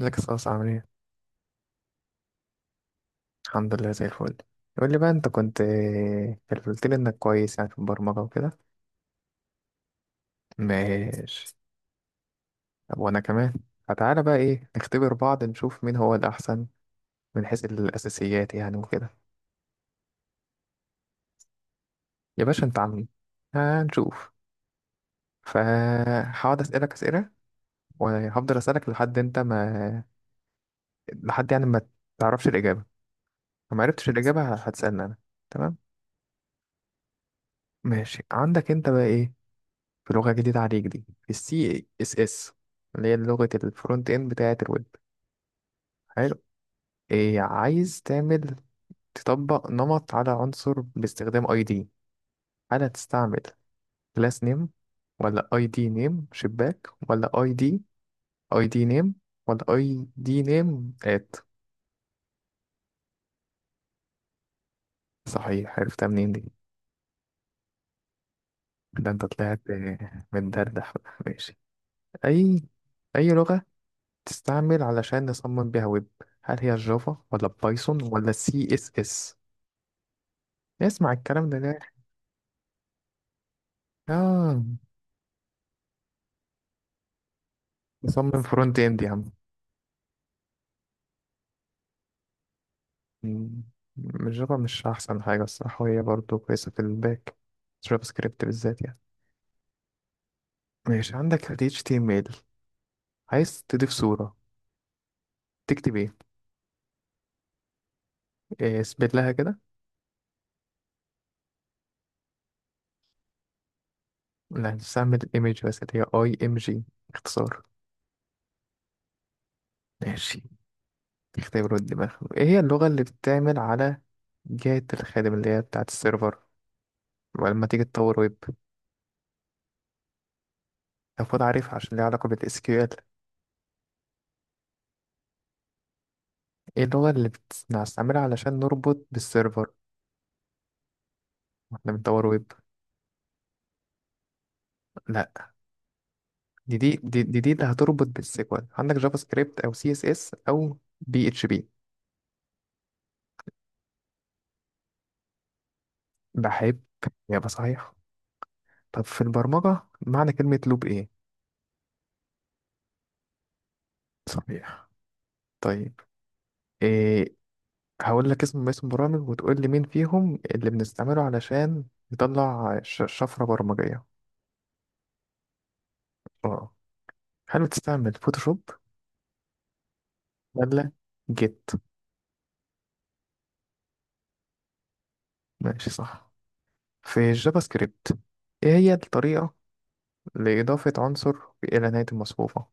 ازيك يا صاصة عامل ايه؟ الحمد لله زي الفل. يقول لي بقى انت كنت قلت لي انك كويس يعني في البرمجة وكده. ماشي. طب وانا كمان، فتعالى بقى ايه نختبر بعض نشوف مين هو الأحسن من حيث الأساسيات يعني وكده. يا باشا انت عامل ايه؟ هنشوف. فهقعد أسألك أسئلة وهفضل أسألك لحد انت ما، لحد يعني ما تعرفش الإجابة. لو ما عرفتش الإجابة هتسألني أنا، تمام؟ ماشي، عندك انت بقى ايه، في لغة جديدة عليك دي، في السي اس اس، اللي هي لغة الفرونت اند بتاعة الويب. حلو. إيه عايز تعمل، تطبق نمط على عنصر باستخدام اي دي، هل هتستعمل كلاس نيم، ولا اي دي نيم شباك، ولا اي دي، اي دي نيم، ولا اي دي نيم ات؟ صحيح، عرفتها منين دي؟ ده انت طلعت متدردح بقى. ماشي. اي اي لغة تستعمل علشان نصمم بيها ويب، هل هي الجافا ولا بايثون ولا سي اس اس؟ نسمع الكلام ده. اه، نصمم فرونت اند يا عم. مم. الجافا مش احسن حاجه الصراحه، وهي برضه كويسه في الباك، جافا سكريبت بالذات يعني. ماشي، عندك ال HTML، عايز تضيف صوره، تكتب ايه؟ إيه، اثبت لها كده. لا، تستعمل الايمج بس اللي هي اي ام جي، اختصار. ماشي. اختبروا الدماغ، ايه هي اللغه اللي بتعمل على جهه الخادم اللي هي بتاعه السيرفر، ولما تيجي تطور ويب المفروض عارفها عشان ليها علاقه بالاس كيو ال. ايه اللغة اللي بنستعملها علشان نربط بالسيرفر واحنا بنطور ويب؟ لا، دي اللي هتربط بالسيكوال، عندك جافا سكريبت او سي اس اس او بي اتش بي. بحب، يبقى صحيح. طب في البرمجة معنى كلمة لوب ايه؟ صحيح. طيب إيه، هقول لك اسم برامج وتقول لي مين فيهم اللي بنستعمله علشان نطلع شفرة برمجية. اه، هل بتستعمل فوتوشوب ولا جيت؟ ماشي، صح. في الجافا سكريبت، ايه هي الطريقة لإضافة عنصر إلى نهاية المصفوفة؟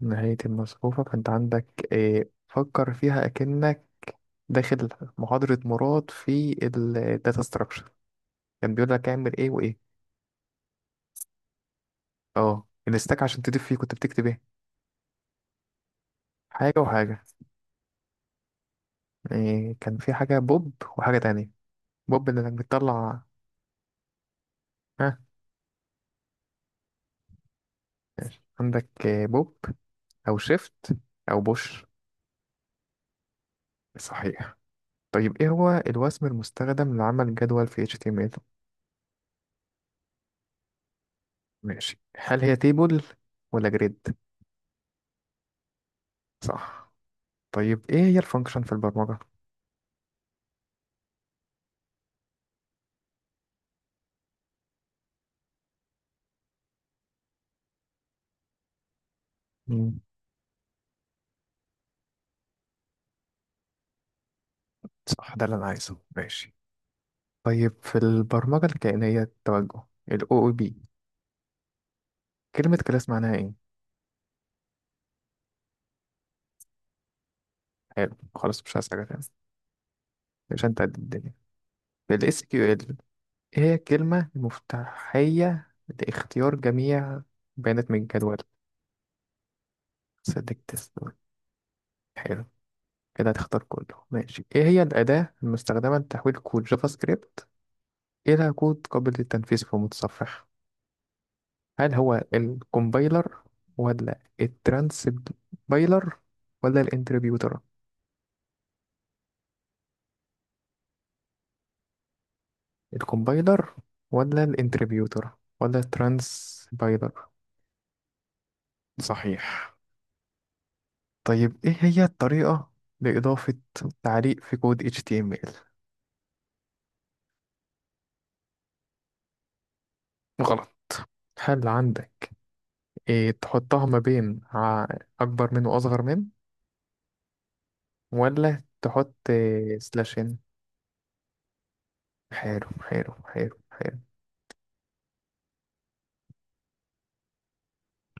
نهاية المصفوفة، فأنت عندك إيه، فكر فيها أكنك داخل محاضرة مراد في الداتا ستراكشر، كان بيقول لك اعمل إيه وإيه. أه، الستاك، عشان تضيف فيه كنت بتكتب إيه؟ حاجة وحاجة، إيه كان في حاجة بوب وحاجة تانية، بوب اللي إنك بتطلع. ها، عندك إيه، بوب أو شيفت أو بوش؟ صحيح. طيب إيه هو الوسم المستخدم لعمل جدول في HTML؟ ماشي، هل هي تيبل ولا جريد؟ صح. طيب ايه هي الفانكشن في البرمجة؟ مم. صح، ده اللي انا عايزه. ماشي. طيب في البرمجة الكائنية التوجه، ال OOP، كلمة كلاس معناها ايه؟ حلو، خلاص مش هسألك تاني، عشان تعدي الدنيا. في ال SQL، ايه هي الكلمة المفتاحية لاختيار جميع بيانات من الجدول؟ select this. حلو، كده هتختار كله. ماشي، ايه هي الأداة المستخدمة لتحويل كود جافا سكريبت إلى كود قابل للتنفيذ في المتصفح، هل هو الكومبايلر ولا الترانسبايلر ولا الانتربيوتر؟ الكومبايلر ولا الانتربيوتر ولا الترانسبايلر؟ صحيح. طيب ايه هي الطريقة لإضافة تعليق في كود HTML؟ غلط. هل عندك إيه، تحطها ما بين أكبر من وأصغر من، ولا تحط سلاشين؟ حلو، حلو، حلو، حلو.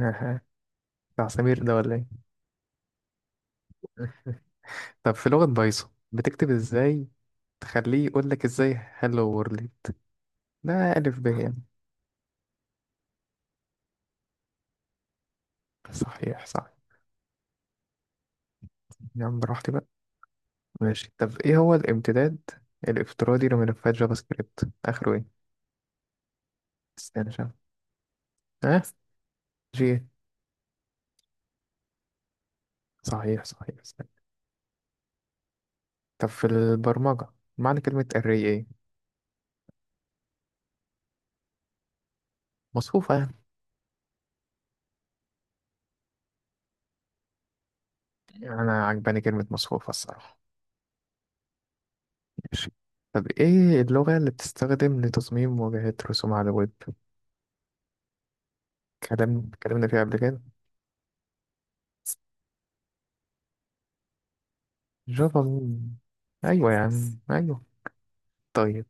أها، بتاع سمير ده ولا؟ ايه طب في لغة بايثون بتكتب ازاي تخليه يقول لك ازاي هلو وورلد، ده ألف ب يعني. صحيح، صح، يا عم براحتي بقى. ماشي. طب ايه هو الامتداد الافتراضي لملفات جافا سكريبت، اخره ايه؟ استنى شوف. ها، جي إيه؟ صحيح صحيح، استنى. طب في البرمجة معنى كلمة array ايه؟ مصفوفة. يعني انا عجباني كلمة مصفوفة الصراحة. ماشي. طب ايه اللغة اللي بتستخدم لتصميم واجهات رسوم على الويب؟ كلامنا فيها قبل كده. جافا مين؟ أيوة يا عم أيوة. طيب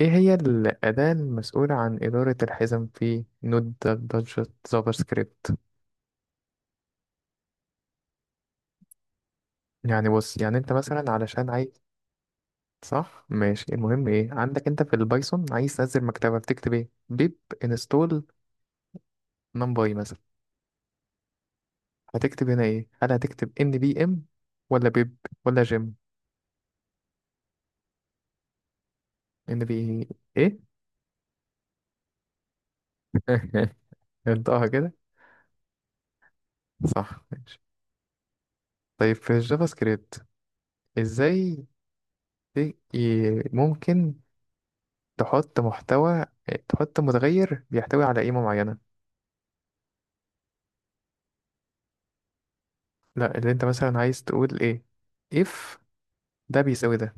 إيه هي الأداة المسؤولة عن إدارة الحزم في نود بادجت جافا سكريبت؟ يعني بص، يعني أنت مثلا علشان عايز. صح، ماشي. المهم إيه، عندك أنت في البايثون عايز تنزل مكتبة بتكتب إيه، بيب انستول نمباي مثلا. هتكتب هنا إيه، هل هتكتب إن بي إم ولا بيب ولا جيم؟ إن بي إيه انطقها كده. صح، ماشي. طيب في الجافا سكريبت ازاي ممكن تحط محتوى، تحط متغير بيحتوي على قيمة معينة؟ لا، اللي انت مثلا عايز تقول ايه، if ده بيساوي ده،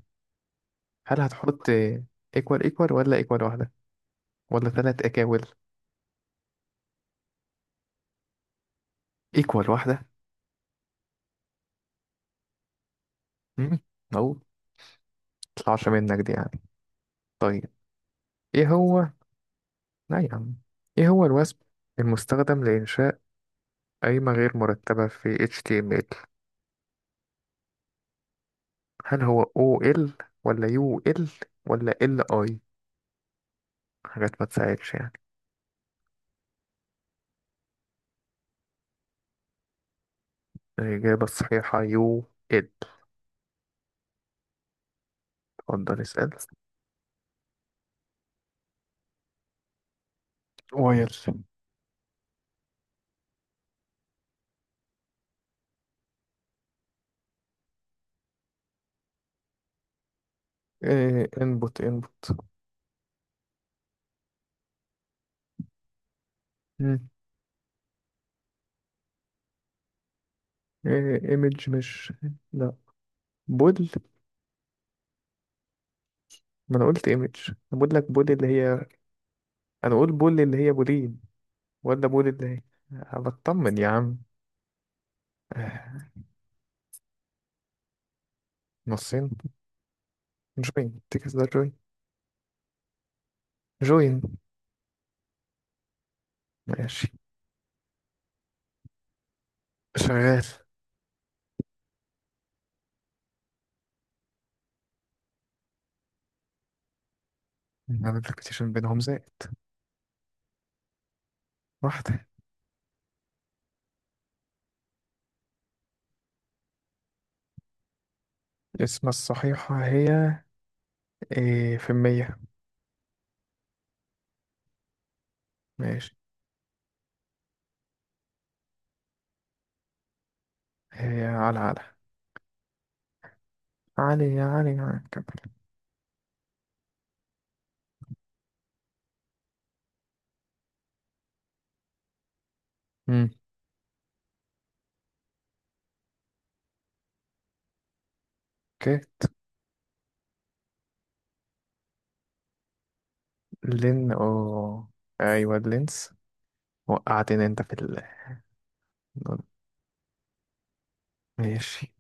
هل هتحط equal equal ولا equal واحدة ولا ثلاث اكاول؟ equal واحدة. مم، او مطلعش منك دي يعني. طيب ايه هو، لا يا عم، ايه هو الوثب المستخدم لإنشاء قايمة غير مرتبة في HTML؟ هل هو OL ولا UL ولا LI؟ حاجات ما تساعدش يعني. الإجابة الصحيحة يو إد. اتفضل اسأل. واير. إيه، انبوت. مم. إيه ايمج مش، لا، بول. ما انا قلت ايمج، انا بقول لك بول اللي هي. انا اقول بول اللي هي بولين. ولا بول اللي هي، بطمن يا عم. آه، نصين. جوين تكس ده جوين، جوين. ماشي، شغال. عدد البيتيشن بينهم زائد. واحدة. اسم الصحيحة هي إيه، في المية؟ ماشي، هي على على. علي يا علي يا كمل. امم اوكي. لين اوه. ايوه لينس. وقعتني انت في ال. ماشي،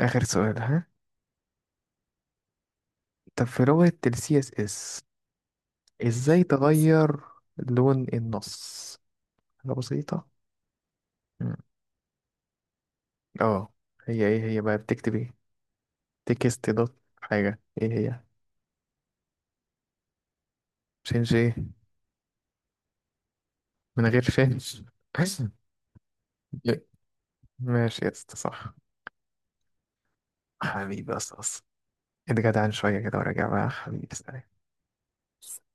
اخر سؤال ها. طب في لغة ال CSS، ازاي تغير لون النص؟ حاجة بسيطة. مم. اه. هي ايه هي بقى بتكتب ايه، تكست دوت حاجة، ايه هي؟ شينج ايه، من غير شينج؟ ماشي يا اسطى، صح. حبيبي يا اسطى أصلاً. اتجدعن شوية كده وراجع بقى، حبيبي سلام.